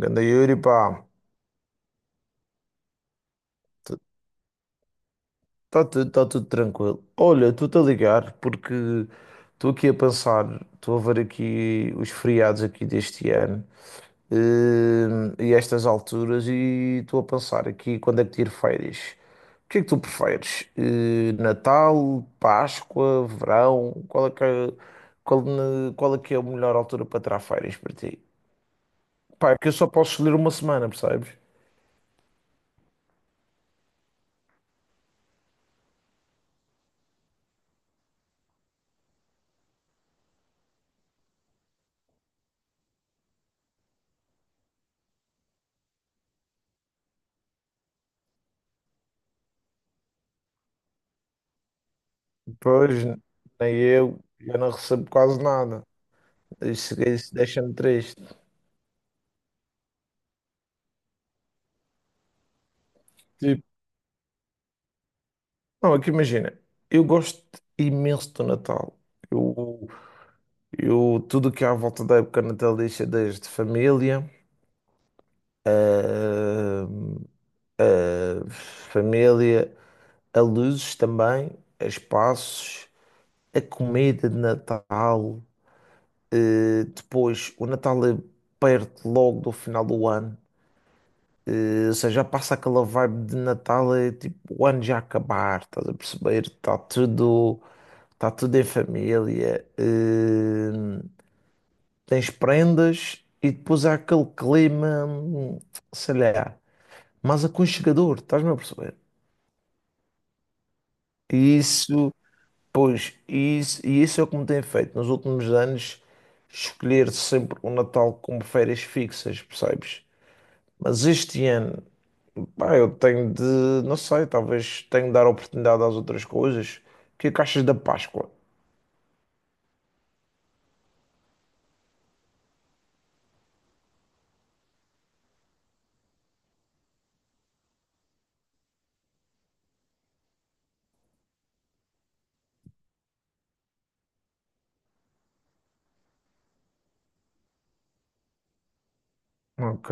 Ganda Yuri, pá, está tudo, tá tudo tranquilo. Olha, estou-te a ligar porque estou aqui a pensar, estou a ver aqui os feriados aqui deste ano e estas alturas e estou a pensar aqui quando é que tiro férias. O que é que tu preferes? Natal, Páscoa, verão? Qual é que é a melhor altura para tirar férias para ti? Pá, é que eu só posso escolher uma semana, percebes? Pois, nem eu não recebo quase nada. Isso deixa-me triste. Tipo, não, é que imagina, eu gosto imenso do Natal. Eu, tudo que há à volta da época natalícia, desde família, ah, ah, família, a luzes também, a espaços, a comida de Natal. Depois, o Natal é perto logo do final do ano. Ou seja, já passa aquela vibe de Natal, é tipo o ano já acabar, estás a perceber? Está tudo em família. Tens prendas e depois há aquele clima, sei lá, mais aconchegador, estás-me a perceber? E isso, e isso é o que me tem feito nos últimos anos escolher sempre o Natal como férias fixas, percebes? Mas este ano, pá, não sei, talvez tenho de dar oportunidade às outras coisas. O que é que achas da Páscoa? Ok,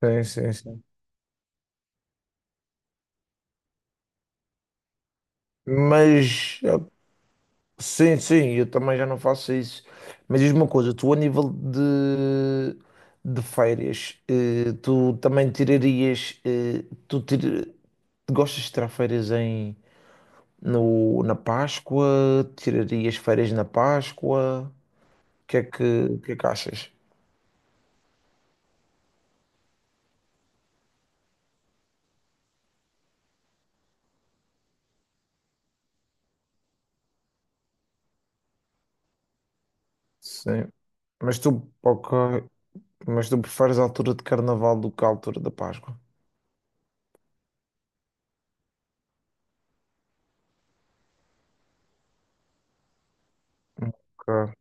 sim, sim, sim. Mas, eu- sim, sim, eu também já não faço isso. Mas diz-me uma coisa, tu a nível de férias, eh, tu também tirarias, eh, tu tir- gostas de tirar férias em, no, na Páscoa? Tirarias férias na Páscoa? O que é que, o que é que achas? Sim. Mas tu, ok, mas tu preferes a altura de carnaval do que a altura da Páscoa? Ok.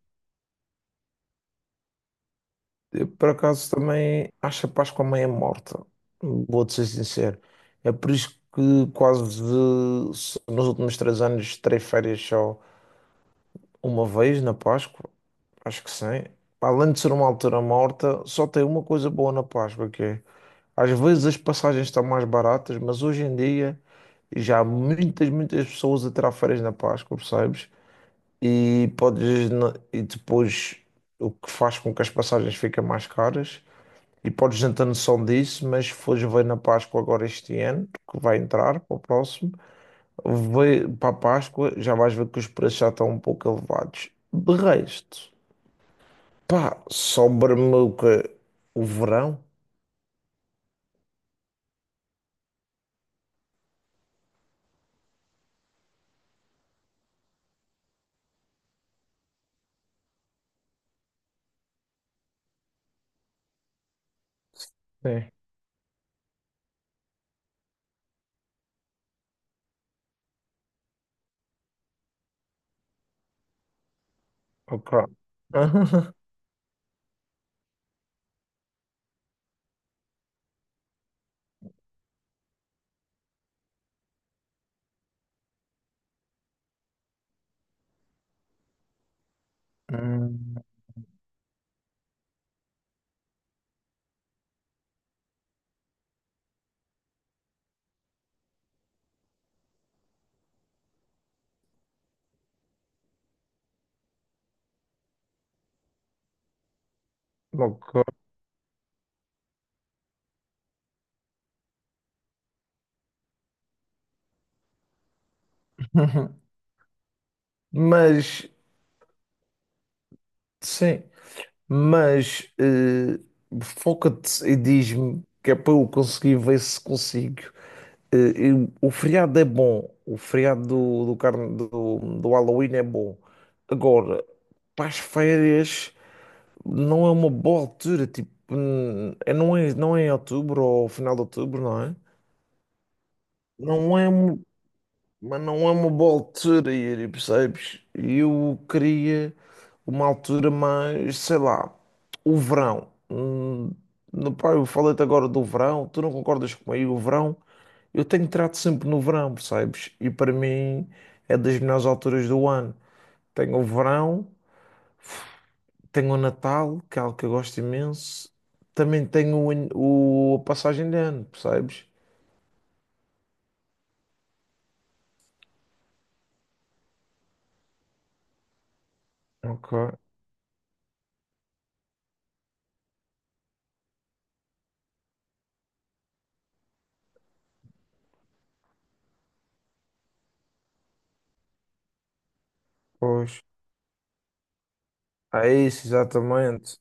Eu, por acaso, também acho a Páscoa meio morta. Vou-te ser sincero. É por isso que quase nos últimos três anos terei férias só. Uma vez na Páscoa, acho que sim. Além de ser uma altura morta, só tem uma coisa boa na Páscoa, que é às vezes as passagens estão mais baratas, mas hoje em dia já há muitas pessoas a tirar férias na Páscoa, percebes? E depois o que faz com que as passagens fiquem mais caras. E podes não ter noção disso, mas se fores ver na Páscoa agora este ano, que vai entrar para o próximo. Vai para a Páscoa, já vais ver que os preços já estão um pouco elevados. De resto, pá, sobra-me o quê? O verão? Sim. Ok. Hum, ok. Mas, sim, mas foca-te e diz-me que é para eu conseguir ver se consigo. O feriado é bom, o feriado do Halloween é bom. Agora, para as férias. Não é uma boa altura, tipo, não é, não é em outubro ou final de outubro, não é? Não é, um- mas não é uma boa altura, Yuri, percebes? Eu queria uma altura mais, sei lá, o verão. Pá, eu falei-te agora do verão, tu não concordas comigo? O verão, eu tenho trato sempre no verão, percebes? E para mim é das melhores alturas do ano. Tenho o verão. Tenho o Natal, que é algo que eu gosto imenso. Também tenho a passagem de ano, percebes? Ok, pois. É isso, exatamente.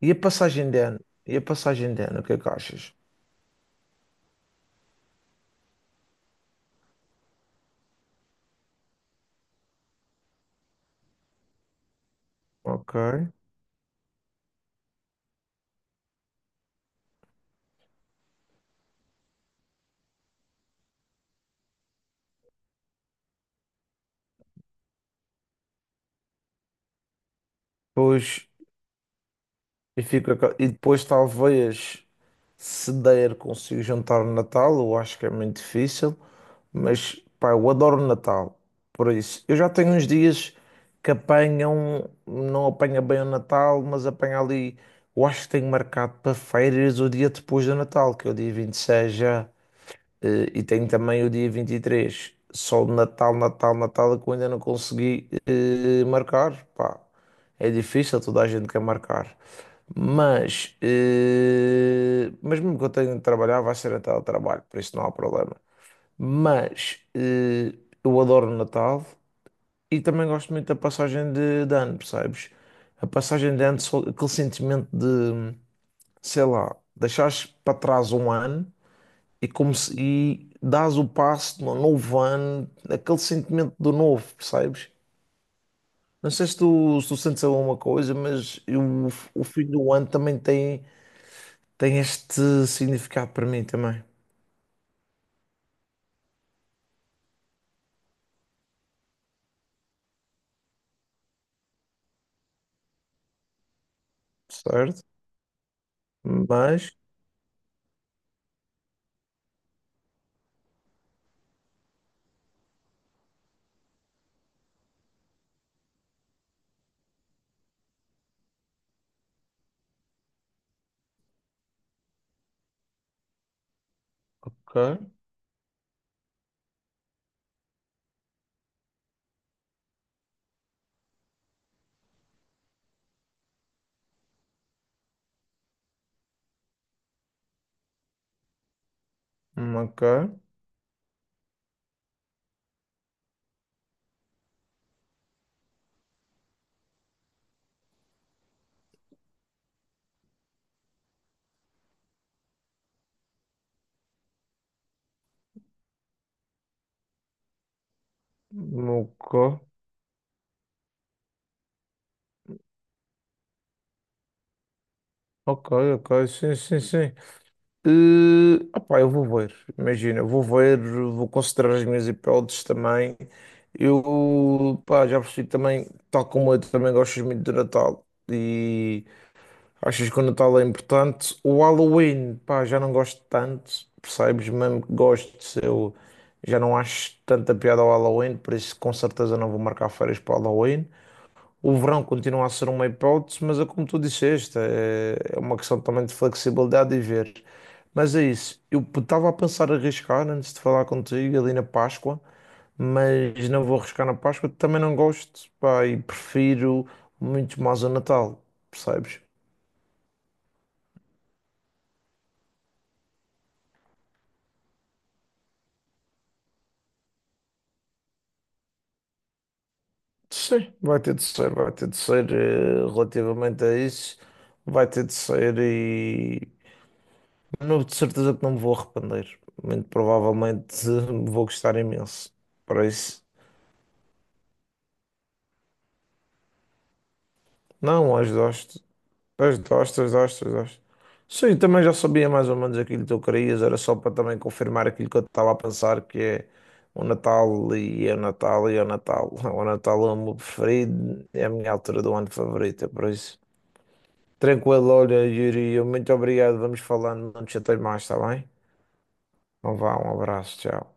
E a passagem de ano? E a passagem de ano, o que é que achas? Ok. Pois, e depois talvez se der consigo juntar o Natal, eu acho que é muito difícil. Mas pá, eu adoro o Natal. Por isso, eu já tenho uns dias que apanham, não apanha bem o Natal, mas apanha ali. Eu acho que tenho marcado para férias o dia depois do Natal, que é o dia 26 já, e tenho também o dia 23. Só o Natal, Natal, Natal, é que eu ainda não consegui marcar. Pá, é difícil, toda a gente quer marcar. Mas mesmo que eu tenha de trabalhar, vai ser até o trabalho, por isso não há problema. Mas eh, eu adoro o Natal e também gosto muito da passagem de ano, percebes? A passagem de ano, só aquele sentimento de, sei lá, deixares para trás um ano e, como se, e dás o passo de um novo ano, aquele sentimento do novo, percebes? Não sei se tu, se tu sentes alguma coisa, mas o fim do ano também tem, tem este significado para mim também, certo? Mas, ok, ok, ok. Ok, ok, sim, sim, sim. Opá, eu vou ver, vou considerar as minhas hipóteses também. Eu, pá, já percebi também, tal como eu também gosto muito do Natal e achas que o Natal é importante. O Halloween, pá, já não gosto tanto, percebes? Mesmo que gosto, eu já não acho tanta piada ao Halloween, por isso com certeza não vou marcar férias para o Halloween. O verão continua a ser uma hipótese, mas é como tu disseste, é uma questão também de flexibilidade e ver. Mas é isso. Eu estava a pensar em arriscar antes de falar contigo ali na Páscoa, mas não vou arriscar na Páscoa, também não gosto, pá, e prefiro muito mais o Natal, percebes? Sim, vai ter de ser, relativamente a isso, vai ter de ser e. Não, de certeza que não me vou arrepender. Muito provavelmente vou gostar imenso. Para isso. Não, as dosto. As dosto, as dosto, as dosto. Sim, também já sabia mais ou menos aquilo que tu querias. Era só para também confirmar aquilo que eu estava a pensar, que é o Natal e é o Natal e é o Natal. O Natal é o meu preferido. É a minha altura do ano favorita, é por isso. Tranquilo, olha, Yuri, eu muito obrigado. Vamos falando, não te chatei mais, está bem? Então vá, um abraço, tchau.